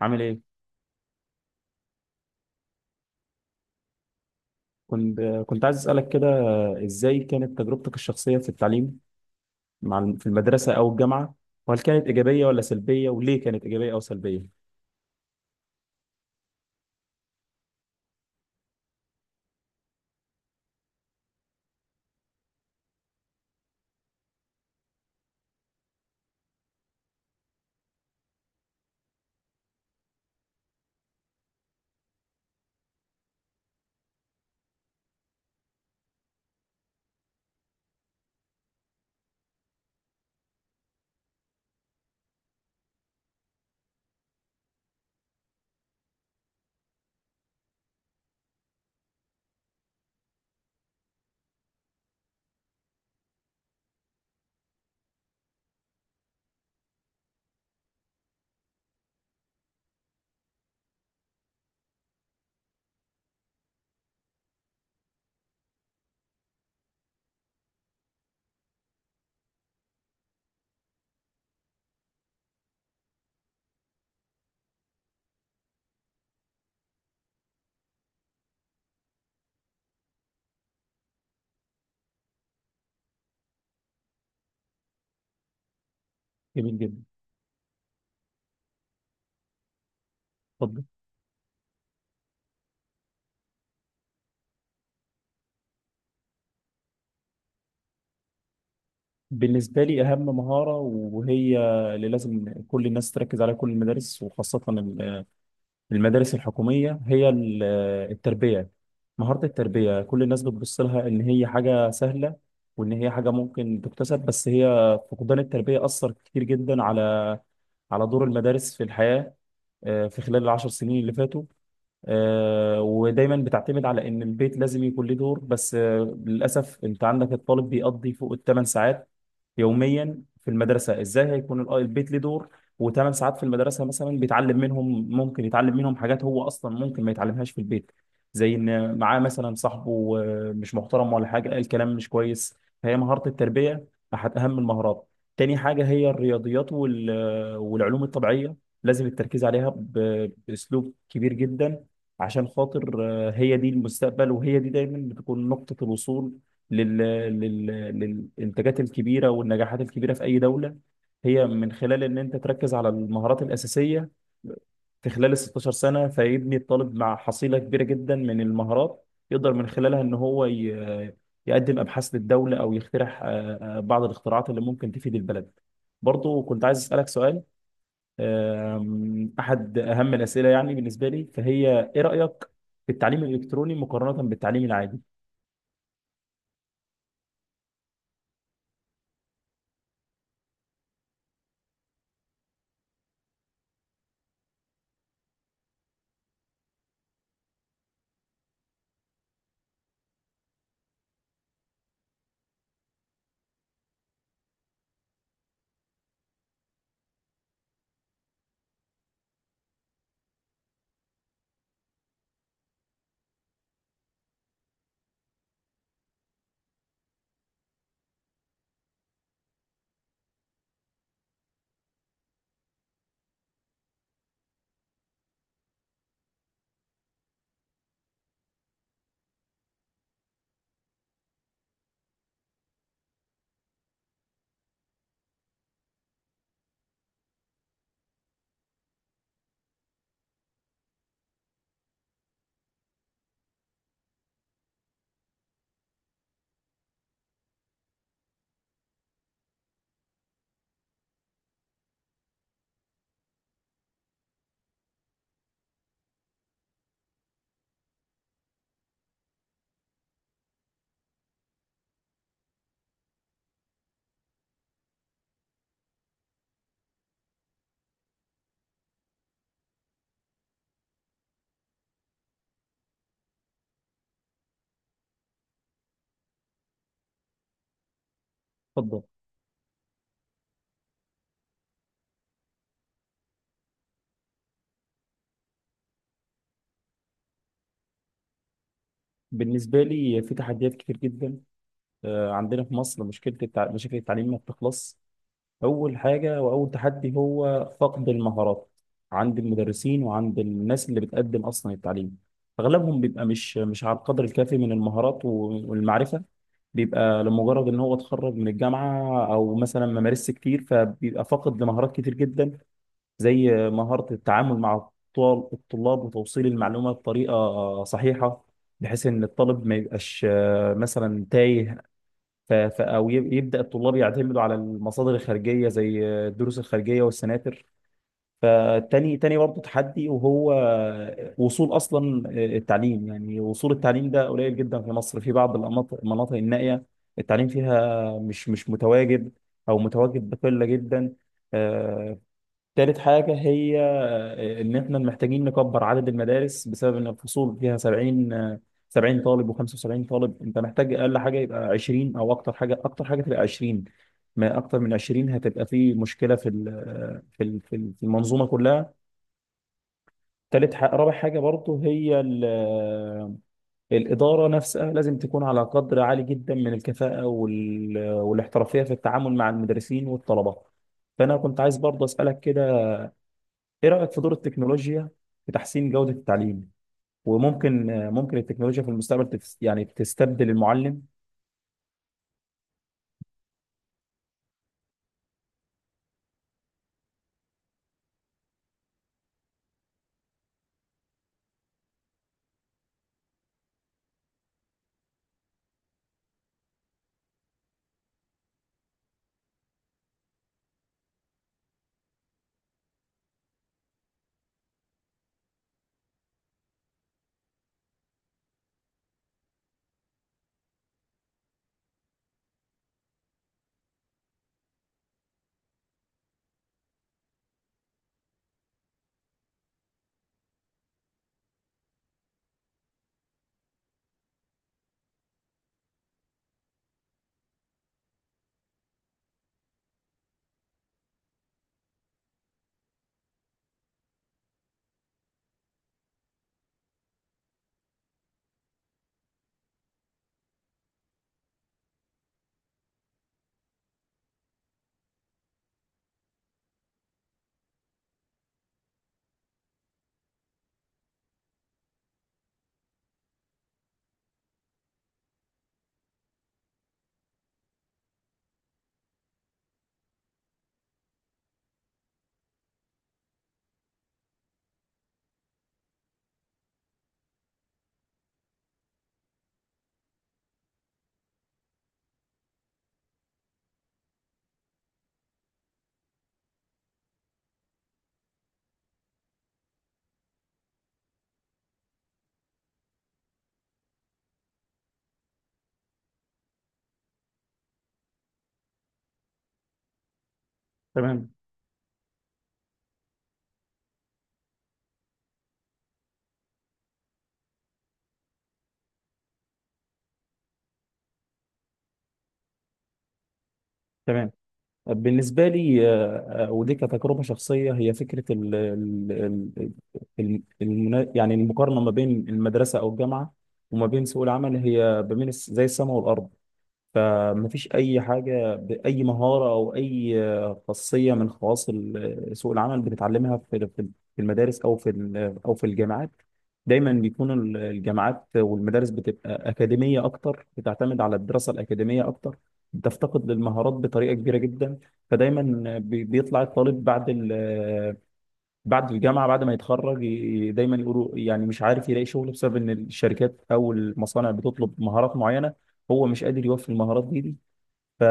عامل ايه؟ كنت كنت عايز اسالك كده. ازاي كانت تجربتك الشخصيه في التعليم في المدرسه او الجامعه؟ وهل كانت ايجابيه ولا سلبيه وليه كانت ايجابيه او سلبيه؟ جميل جدا. اتفضل. بالنسبه لي اهم مهاره، وهي اللي لازم كل الناس تركز عليها، كل المدارس وخاصه المدارس الحكوميه، هي التربيه. مهاره التربيه كل الناس بتبص لها ان هي حاجه سهله وان هي حاجه ممكن تكتسب، بس هي فقدان التربيه اثر كتير جدا على دور المدارس في الحياة في خلال العشر سنين اللي فاتوا. ودايما بتعتمد على ان البيت لازم يكون له دور، بس للاسف انت عندك الطالب بيقضي فوق الثمان ساعات يوميا في المدرسه. ازاي هيكون البيت ليه دور وثمان ساعات في المدرسه مثلا بيتعلم منهم، ممكن يتعلم منهم حاجات هو اصلا ممكن ما يتعلمهاش في البيت، زي ان معاه مثلا صاحبه مش محترم ولا حاجه قال كلام مش كويس. فهي مهاره التربيه احد اهم المهارات. تاني حاجه هي الرياضيات والعلوم الطبيعيه، لازم التركيز عليها باسلوب كبير جدا، عشان خاطر هي دي المستقبل، وهي دي دايما بتكون نقطه الوصول لل... لل... للإنتاجات الكبيرة والنجاحات الكبيرة في أي دولة، هي من خلال إن أنت تركز على المهارات الأساسية في خلال ال 16 سنة، فيبني الطالب مع حصيلة كبيرة جدا من المهارات يقدر من خلالها إن هو يقدم أبحاث للدولة أو يخترع بعض الاختراعات اللي ممكن تفيد البلد. برضو كنت عايز أسألك سؤال. أحد أهم الأسئلة يعني بالنسبة لي، فهي إيه رأيك في التعليم الإلكتروني مقارنة بالتعليم العادي؟ اتفضل. بالنسبة لي في تحديات كتير جدا. عندنا في مصر مشكلة مشاكل التعليم ما بتخلص. أول حاجة وأول تحدي هو فقد المهارات عند المدرسين وعند الناس اللي بتقدم أصلا التعليم. أغلبهم بيبقى مش على القدر الكافي من المهارات والمعرفة. بيبقى لمجرد إن هو اتخرج من الجامعة أو مثلا ما مارسش كتير، فبيبقى فاقد لمهارات كتير جدا زي مهارة التعامل مع الطلاب وتوصيل المعلومة بطريقة صحيحة، بحيث إن الطالب ما يبقاش مثلا تايه. أو يبدأ الطلاب يعتمدوا على المصادر الخارجية زي الدروس الخارجية والسناتر. فتاني برضه تحدي، وهو وصول أصلا التعليم. يعني وصول التعليم ده قليل جدا في مصر، في بعض المناطق النائية التعليم فيها مش متواجد، أو متواجد بقلة جدا. آه، تالت حاجة هي إن إحنا محتاجين نكبر عدد المدارس، بسبب إن الفصول فيها 70 70 طالب و75 طالب. أنت محتاج أقل حاجة يبقى 20، أو أكتر حاجة تبقى 20. ما أكتر من 20 هتبقى في مشكلة في ال- آه، في ال- في ال- في المنظومة كلها. تالت حاجة، رابع حاجة برضه هي الإدارة نفسها، لازم تكون على قدر عالي جدا من الكفاءة والاحترافية في التعامل مع المدرسين والطلبة. فأنا كنت عايز برضه أسألك كده، ايه رأيك في دور التكنولوجيا في تحسين جودة التعليم؟ وممكن، ممكن التكنولوجيا في المستقبل يعني تستبدل المعلم؟ تمام، تمام. بالنسبة لي ودي كتجربة شخصية هي فكرة يعني المقارنة ما بين المدرسة أو الجامعة وما بين سوق العمل، هي ما بين زي السماء والأرض. فمفيش أي حاجة بأي مهارة أو أي خاصية من خواص سوق العمل بتتعلمها في المدارس أو في الجامعات. دايما بيكون الجامعات والمدارس بتبقى أكاديمية أكتر، بتعتمد على الدراسة الأكاديمية أكتر، بتفتقد للمهارات بطريقة كبيرة جدا. فدايما بيطلع الطالب بعد ال بعد الجامعه بعد ما يتخرج دايما يقولوا يعني مش عارف يلاقي شغل بسبب ان الشركات او المصانع بتطلب مهارات معينه، هو مش قادر يوفي المهارات دي. ف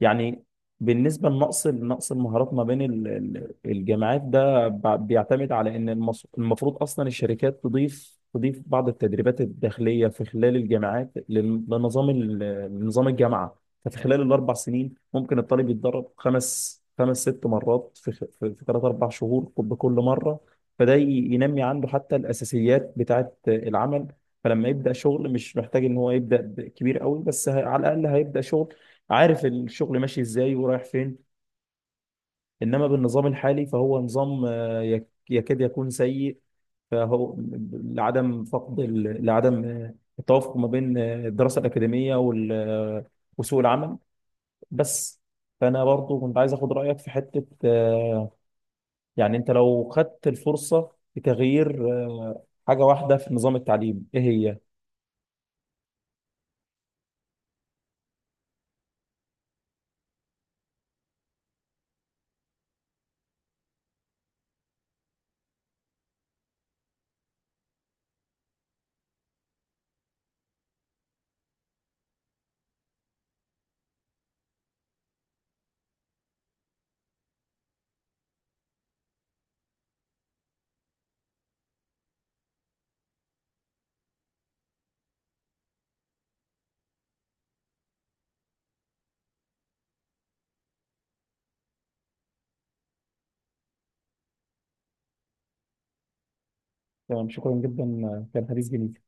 يعني بالنسبه لنقص المهارات ما بين الجامعات، ده بيعتمد على ان المفروض اصلا الشركات تضيف بعض التدريبات الداخليه في خلال الجامعات لنظام لنظام الجامعه. ففي خلال الاربع سنين ممكن الطالب يتدرب خمس ست مرات في خ- في في ثلاث اربع شهور بكل مره. فده ينمي عنده حتى الاساسيات بتاعت العمل، فلما يبدا شغل مش محتاج ان هو يبدا كبير قوي، بس على الاقل هيبدا شغل عارف الشغل ماشي ازاي ورايح فين. انما بالنظام الحالي فهو نظام يكاد يكون سيء، فهو لعدم التوافق ما بين الدراسة الأكاديمية وسوق العمل. بس. فأنا برضو كنت عايز أخد رأيك في حتة يعني أنت لو خدت الفرصة لتغيير حاجة واحدة في نظام التعليم إيه هي؟ تمام، شكرا جدا. كان حديث جميل.